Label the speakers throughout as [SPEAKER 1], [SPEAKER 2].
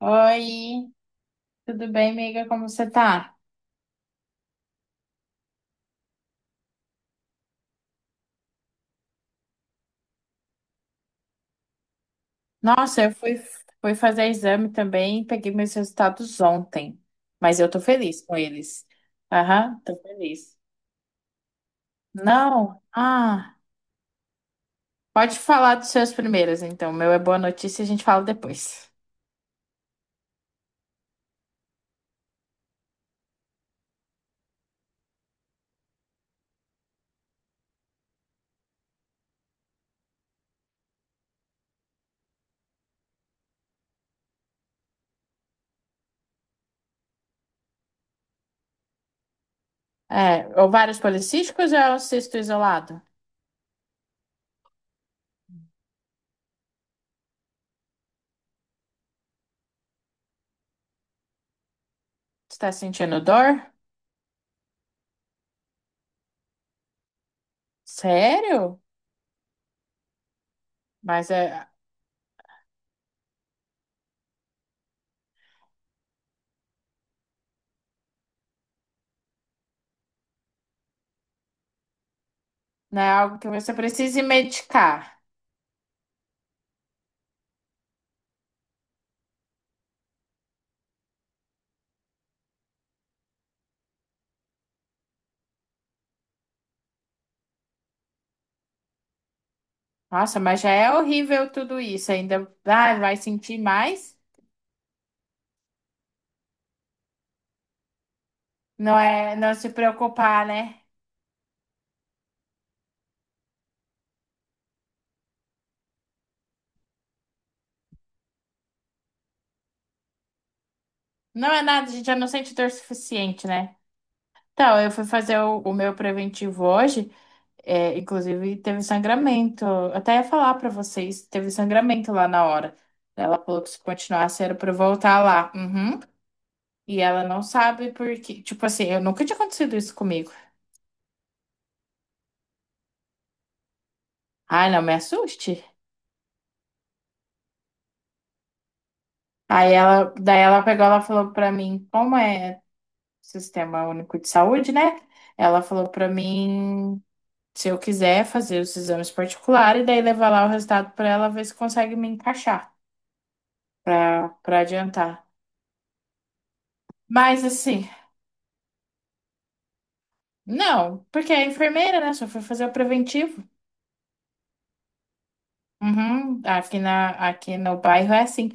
[SPEAKER 1] Oi, tudo bem, amiga? Como você tá? Nossa, fui fazer exame também, peguei meus resultados ontem, mas eu tô feliz com eles. Aham, tô feliz. Não? Ah, pode falar dos seus primeiros, então. O meu é boa notícia, a gente fala depois. É, ovários policísticos ou é o cisto isolado? Você tá sentindo dor? Sério? Mas é, não é algo que você precise medicar. Nossa, mas já é horrível tudo isso. Ainda ah, vai sentir mais. Não é, não se preocupar, né? Não é nada, a gente já não sente dor suficiente, né? Então, eu fui fazer o meu preventivo hoje, é, inclusive teve sangramento. Eu até ia falar pra vocês, teve sangramento lá na hora. Ela falou que se continuasse era pra eu voltar lá. Uhum. E ela não sabe por quê. Tipo assim, eu nunca tinha acontecido isso comigo. Ai, não me assuste. Aí ela, daí ela pegou, ela falou pra mim, como é? Sistema Único de Saúde, né? Ela falou pra mim se eu quiser fazer os exames particulares e daí levar lá o resultado pra ela ver se consegue me encaixar pra para adiantar. Mas assim, não, porque é enfermeira, né? Só foi fazer o preventivo. Uhum, aqui no bairro é assim.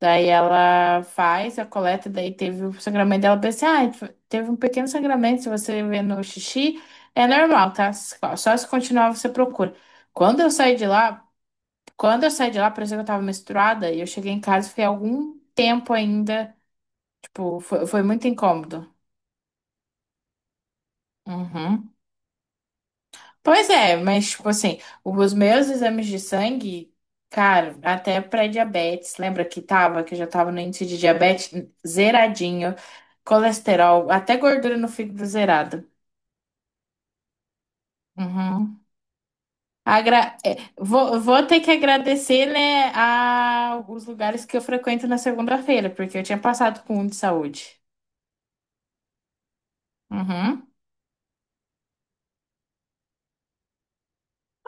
[SPEAKER 1] Daí ela faz a coleta, daí teve o sangramento dela, pensei, ah, teve um pequeno sangramento, se você vê no xixi, é normal, tá? Só se continuar você procura. Quando eu saí de lá, Quando eu saí de lá, parecia que eu tava menstruada e eu cheguei em casa e fiquei algum tempo ainda. Tipo, foi muito incômodo. Uhum. Pois é, mas, tipo assim, os meus exames de sangue, cara, até pré-diabetes, lembra que tava, que eu já tava no índice de diabetes zeradinho, colesterol, até gordura no fígado zerada. Uhum. Agra- é, vou ter que agradecer, né, a os lugares que eu frequento na segunda-feira, porque eu tinha passado com um de saúde. Uhum.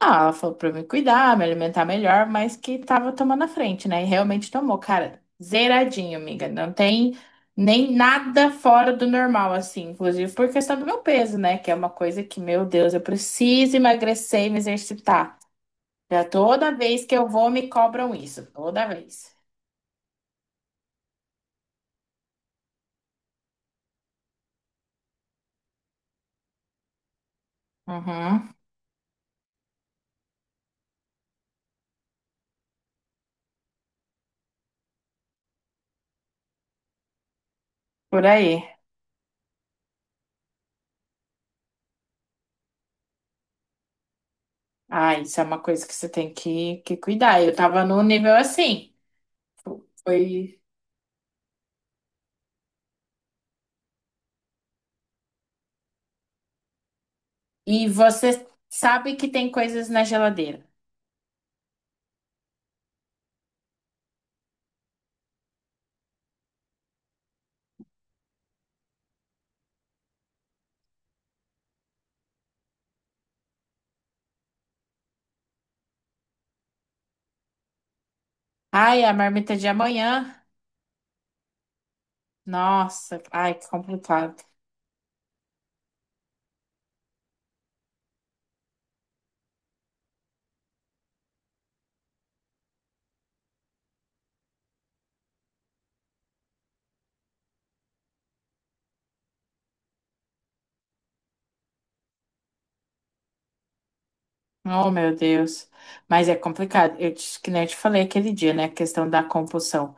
[SPEAKER 1] Ah, ela falou pra eu me cuidar, me alimentar melhor, mas que tava tomando a frente, né? E realmente tomou, cara, zeradinho, amiga. Não tem nem nada fora do normal, assim, inclusive por questão do meu peso, né? Que é uma coisa que, meu Deus, eu preciso emagrecer e me exercitar. Já toda vez que eu vou, me cobram isso, toda vez. Uhum, por aí. Ah, isso é uma coisa que você tem que cuidar. Eu tava num nível assim. Foi. E você sabe que tem coisas na geladeira. Ai, a marmita de amanhã. Nossa, ai, que complicado. Oh, meu Deus. Mas é complicado. Eu te, que nem eu te falei aquele dia, né? A questão da compulsão.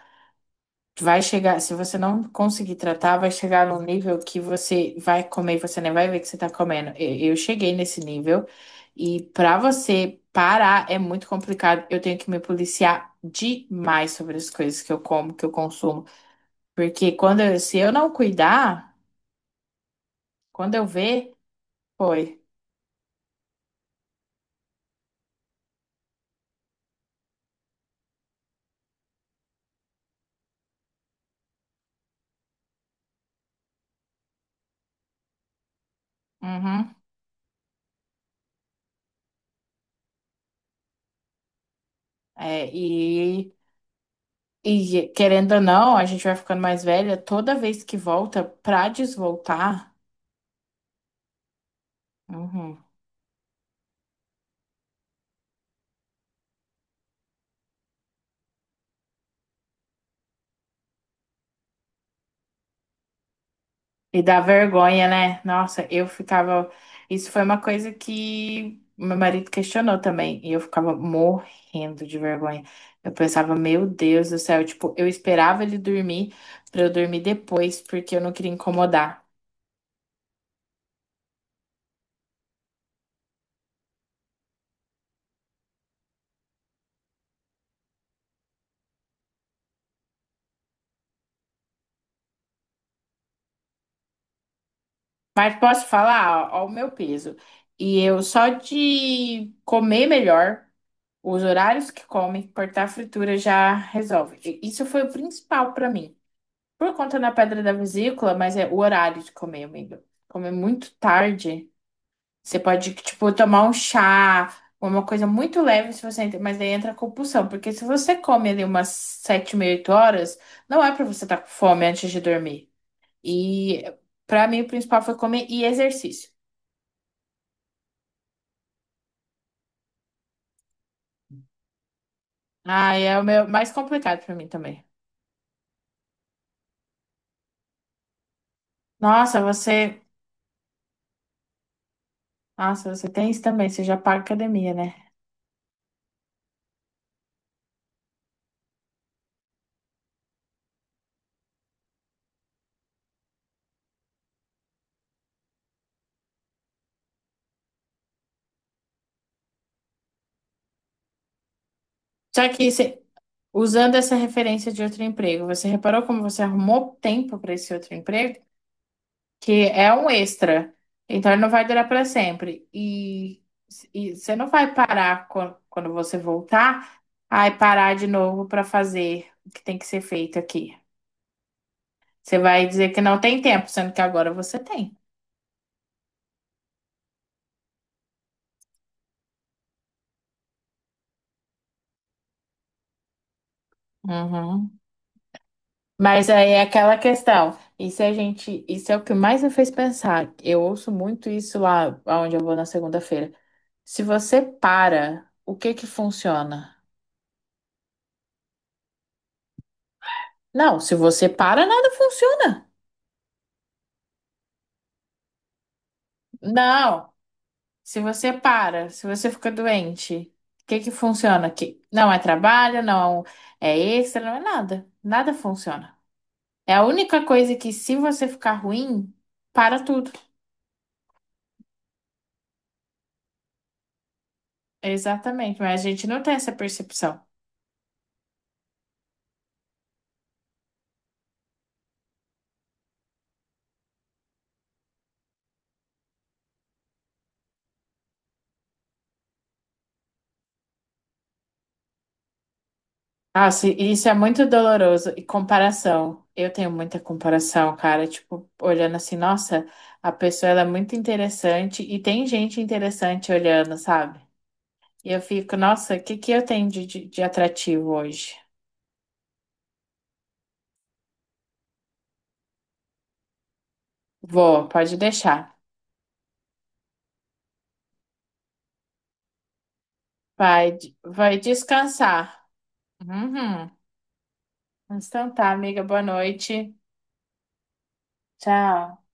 [SPEAKER 1] Vai chegar, se você não conseguir tratar, vai chegar num nível que você vai comer e você nem vai ver que você tá comendo. Eu cheguei nesse nível e pra você parar é muito complicado. Eu tenho que me policiar demais sobre as coisas que eu como, que eu consumo. Porque quando eu- se eu não cuidar, quando eu ver, foi. Uhum. É, e, e querendo ou não, a gente vai ficando mais velha, toda vez que volta, pra desvoltar, uhum, e dá vergonha, né? Nossa, eu ficava. Isso foi uma coisa que meu marido questionou também, e eu ficava morrendo de vergonha. Eu pensava, meu Deus do céu, tipo, eu esperava ele dormir pra eu dormir depois, porque eu não queria incomodar. Mas posso falar, ó o meu peso. E eu só de comer melhor. Os horários que come, cortar a fritura já resolve. E isso foi o principal pra mim. Por conta da pedra da vesícula, mas é o horário de comer, amigo. Comer muito tarde, você pode, tipo, tomar um chá, uma coisa muito leve, se você entra, mas daí entra a compulsão. Porque se você come ali umas sete, meia, oito horas, não é pra você estar com fome antes de dormir. E pra mim o principal foi comer e exercício. Ah, é o meu mais complicado pra mim também. Nossa, você Nossa, você tem isso também, você já paga academia, né? Só que usando essa referência de outro emprego, você reparou como você arrumou tempo para esse outro emprego? Que é um extra. Então ele não vai durar para sempre. E você não vai parar quan- quando você voltar, aí parar de novo para fazer o que tem que ser feito aqui. Você vai dizer que não tem tempo, sendo que agora você tem. Uhum. Mas aí é aquela questão. Isso é o que mais me fez pensar. Eu ouço muito isso lá onde eu vou na segunda-feira. Se você para, o que que funciona? Não, se você para, nada funciona. Não, se você para, se você fica doente, o que que funciona? Que não é trabalho, não é extra, não é nada. Nada funciona. É a única coisa que se você ficar ruim, para tudo. Exatamente, mas a gente não tem essa percepção. Nossa, e isso é muito doloroso. E comparação. Eu tenho muita comparação, cara. Tipo, olhando assim, nossa, a pessoa ela é muito interessante e tem gente interessante olhando, sabe? E eu fico, nossa, o que que eu tenho de atrativo hoje? Vou, pode deixar. Vai, vai descansar. Uhum. Então tá, amiga, boa noite. Tchau.